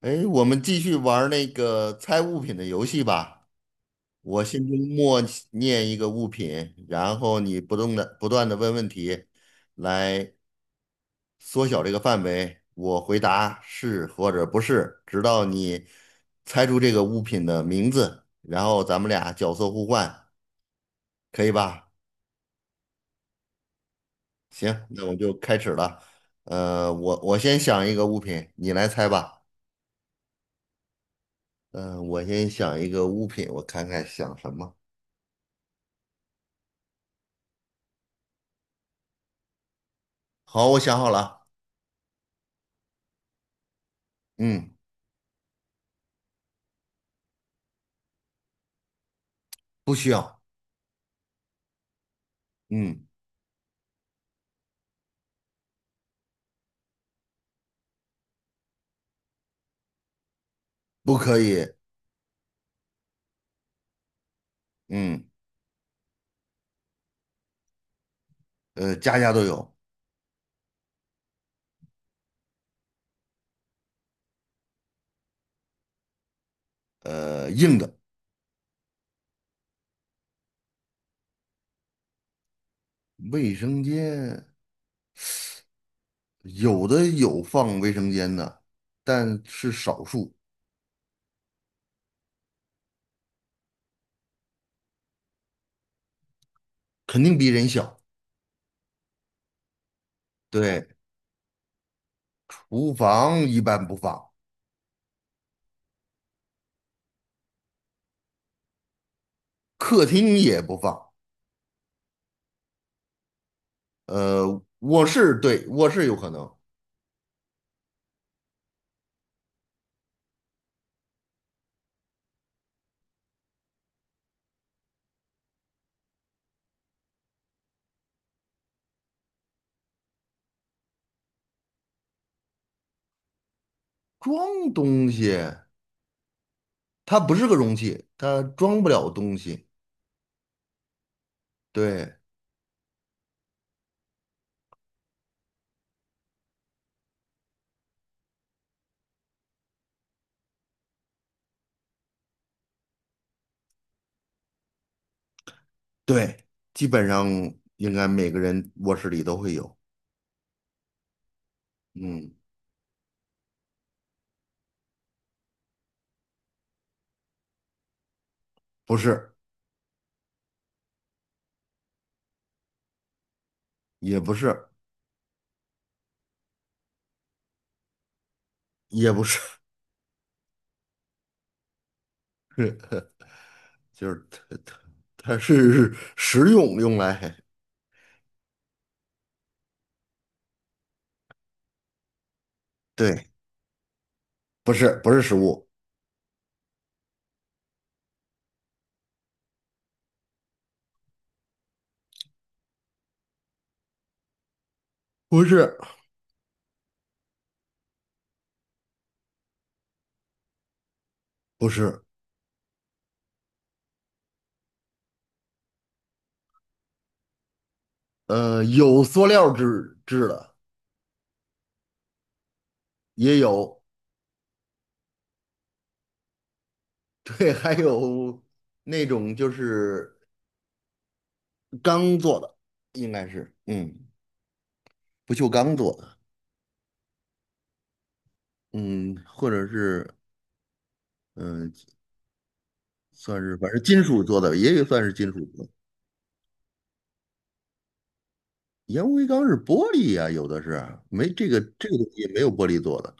哎，我们继续玩儿那个猜物品的游戏吧。我心中默念一个物品，然后你不断的问问题，来缩小这个范围。我回答是或者不是，直到你猜出这个物品的名字，然后咱们俩角色互换，可以吧？行，那我就开始了。我先想一个物品，你来猜吧。嗯、我先想一个物品，我看看想什么。好，我想好了。嗯，不需要。嗯，不可以。嗯。家家都有。硬的。卫生间有的有放卫生间的，但是少数。肯定比人小。对，厨房一般不放，客厅也不放。卧室对，卧室有可能装东西，它不是个容器，它装不了东西。对对，基本上应该每个人卧室里都会有。嗯，不是。也不是。也不是。就是它它是食用用来。对，不是不是食物。不是不是。有塑料制的。也有。对，还有那种就是钢做的，应该是。嗯，不锈钢做的。嗯，或者是嗯、呃算是反正金属做的，也有算是金属做的。烟灰缸是玻璃呀、有的是没这个这个东西没有玻璃做的。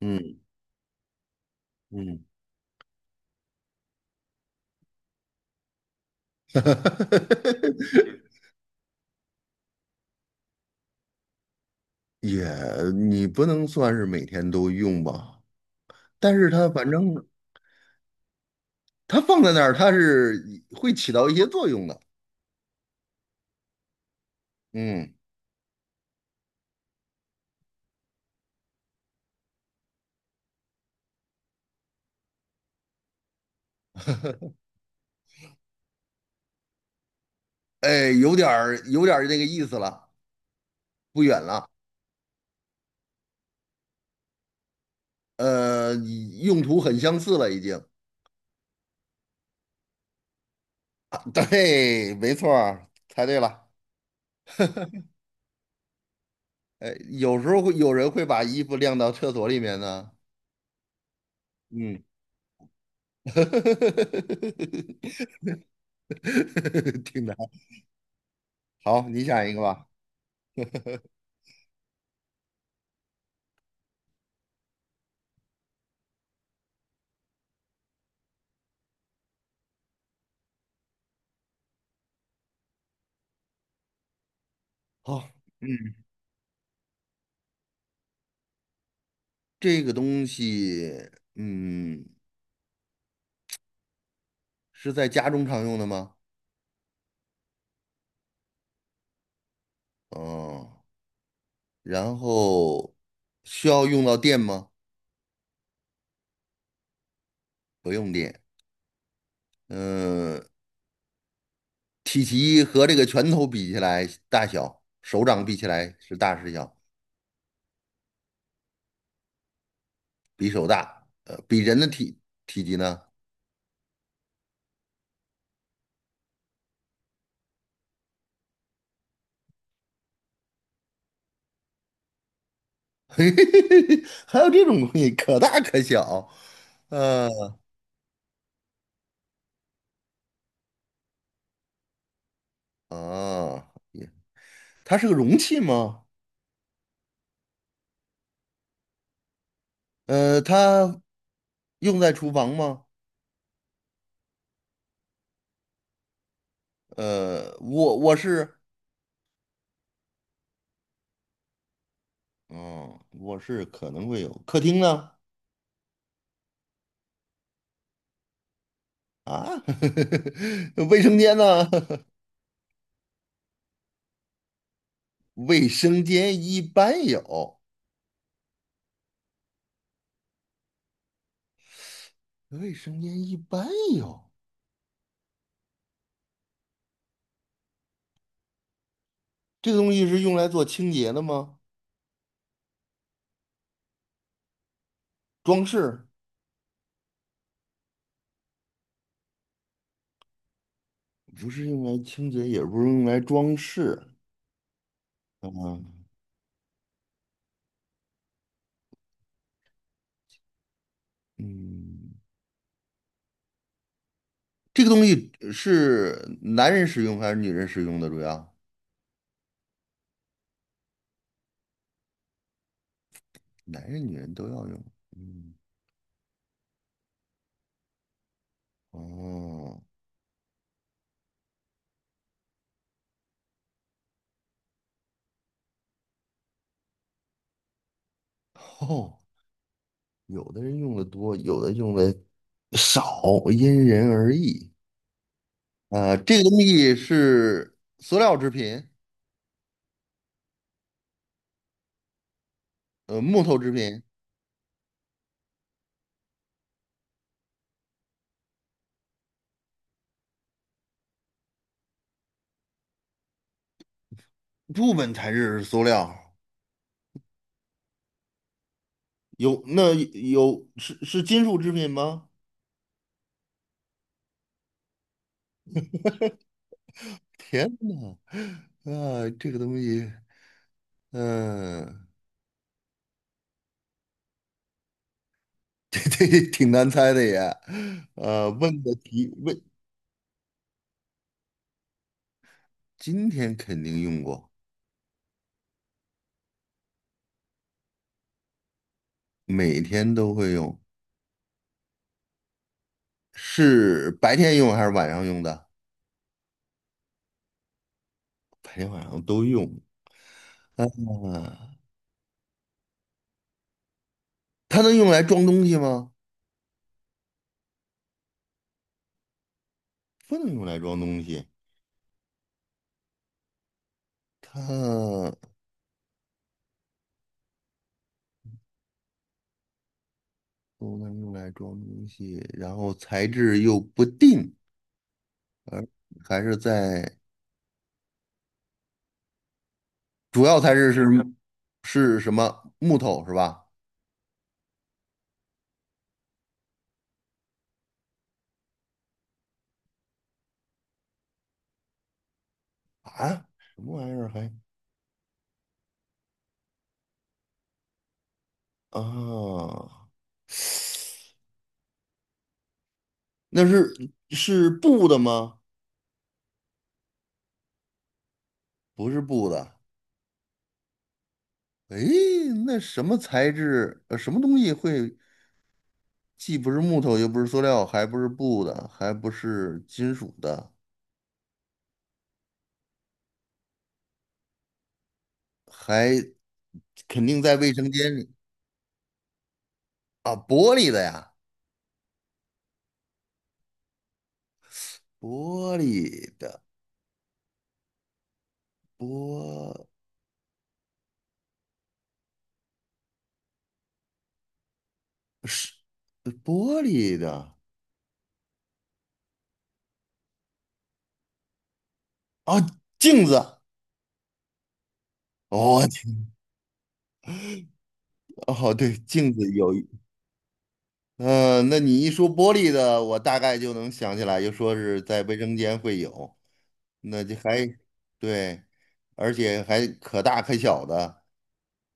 嗯。嗯，也你不能算是每天都用吧，但是它反正它放在那儿，它是会起到一些作用的。嗯。哎，有点儿有点儿那个意思了，不远了。用途很相似了已经。啊对，没错儿，猜对了。哎，有时候会有人会把衣服晾到厕所里面呢。嗯，挺难。好，你想一个吧。好。这个东西，嗯，是在家中常用的吗？嗯，然后需要用到电吗？不用电。嗯，体积和这个拳头比起来，大小，手掌比起来是大是小？比手大。呃，比人的体积呢？嘿嘿嘿嘿还有这种东西，可大可小。呃。啊，它是个容器吗？呃，它用在厨房吗？呃，我是。嗯，卧室可能会有，客厅呢？啊，卫生间呢？卫生间一般有。卫生间一般有。这个东西是用来做清洁的吗？装饰？不是用来清洁，也不是用来装饰。嗯嗯，这个东西是男人使用还是女人使用的？主要男人、女人都要用。嗯。哦。哦。有的人用的多，有的用的少，因人而异。啊、这个东西是塑料制品。木头制品。部分材质是塑料。有那有是金属制品吗？天呐。啊，这个东西，嗯、这这挺难猜的也。问的题问。今天肯定用过。每天都会用。是白天用还是晚上用的？白天晚上都用。啊，它能用来装东西吗？不能用来装东西。它不能用来装东西，然后材质又不定。还是在主要材质是什么？木头是吧？啊，什么玩意儿还啊？那是布的吗？不是布的。诶，那什么材质？呃，什么东西会？既不是木头，又不是塑料，还不是布的，还不是金属的，还肯定在卫生间里。啊，玻璃的呀，玻璃的。玻是玻璃的。啊，镜子。哦，哦，对，镜子有。嗯，那你一说玻璃的，我大概就能想起来，就说是在卫生间会有。那就还对，而且还可大可小的，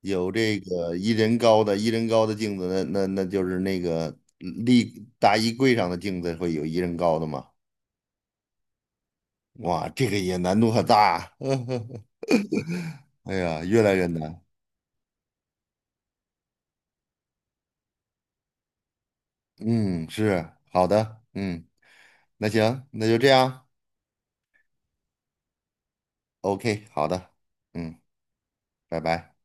有这个一人高的，一人高的镜子，那就是那个立大衣柜上的镜子会有一人高的嘛？哇，这个也难度很大。哎呀，越来越难。嗯，是，好的。嗯，那行，那就这样，OK，好的。嗯，拜拜。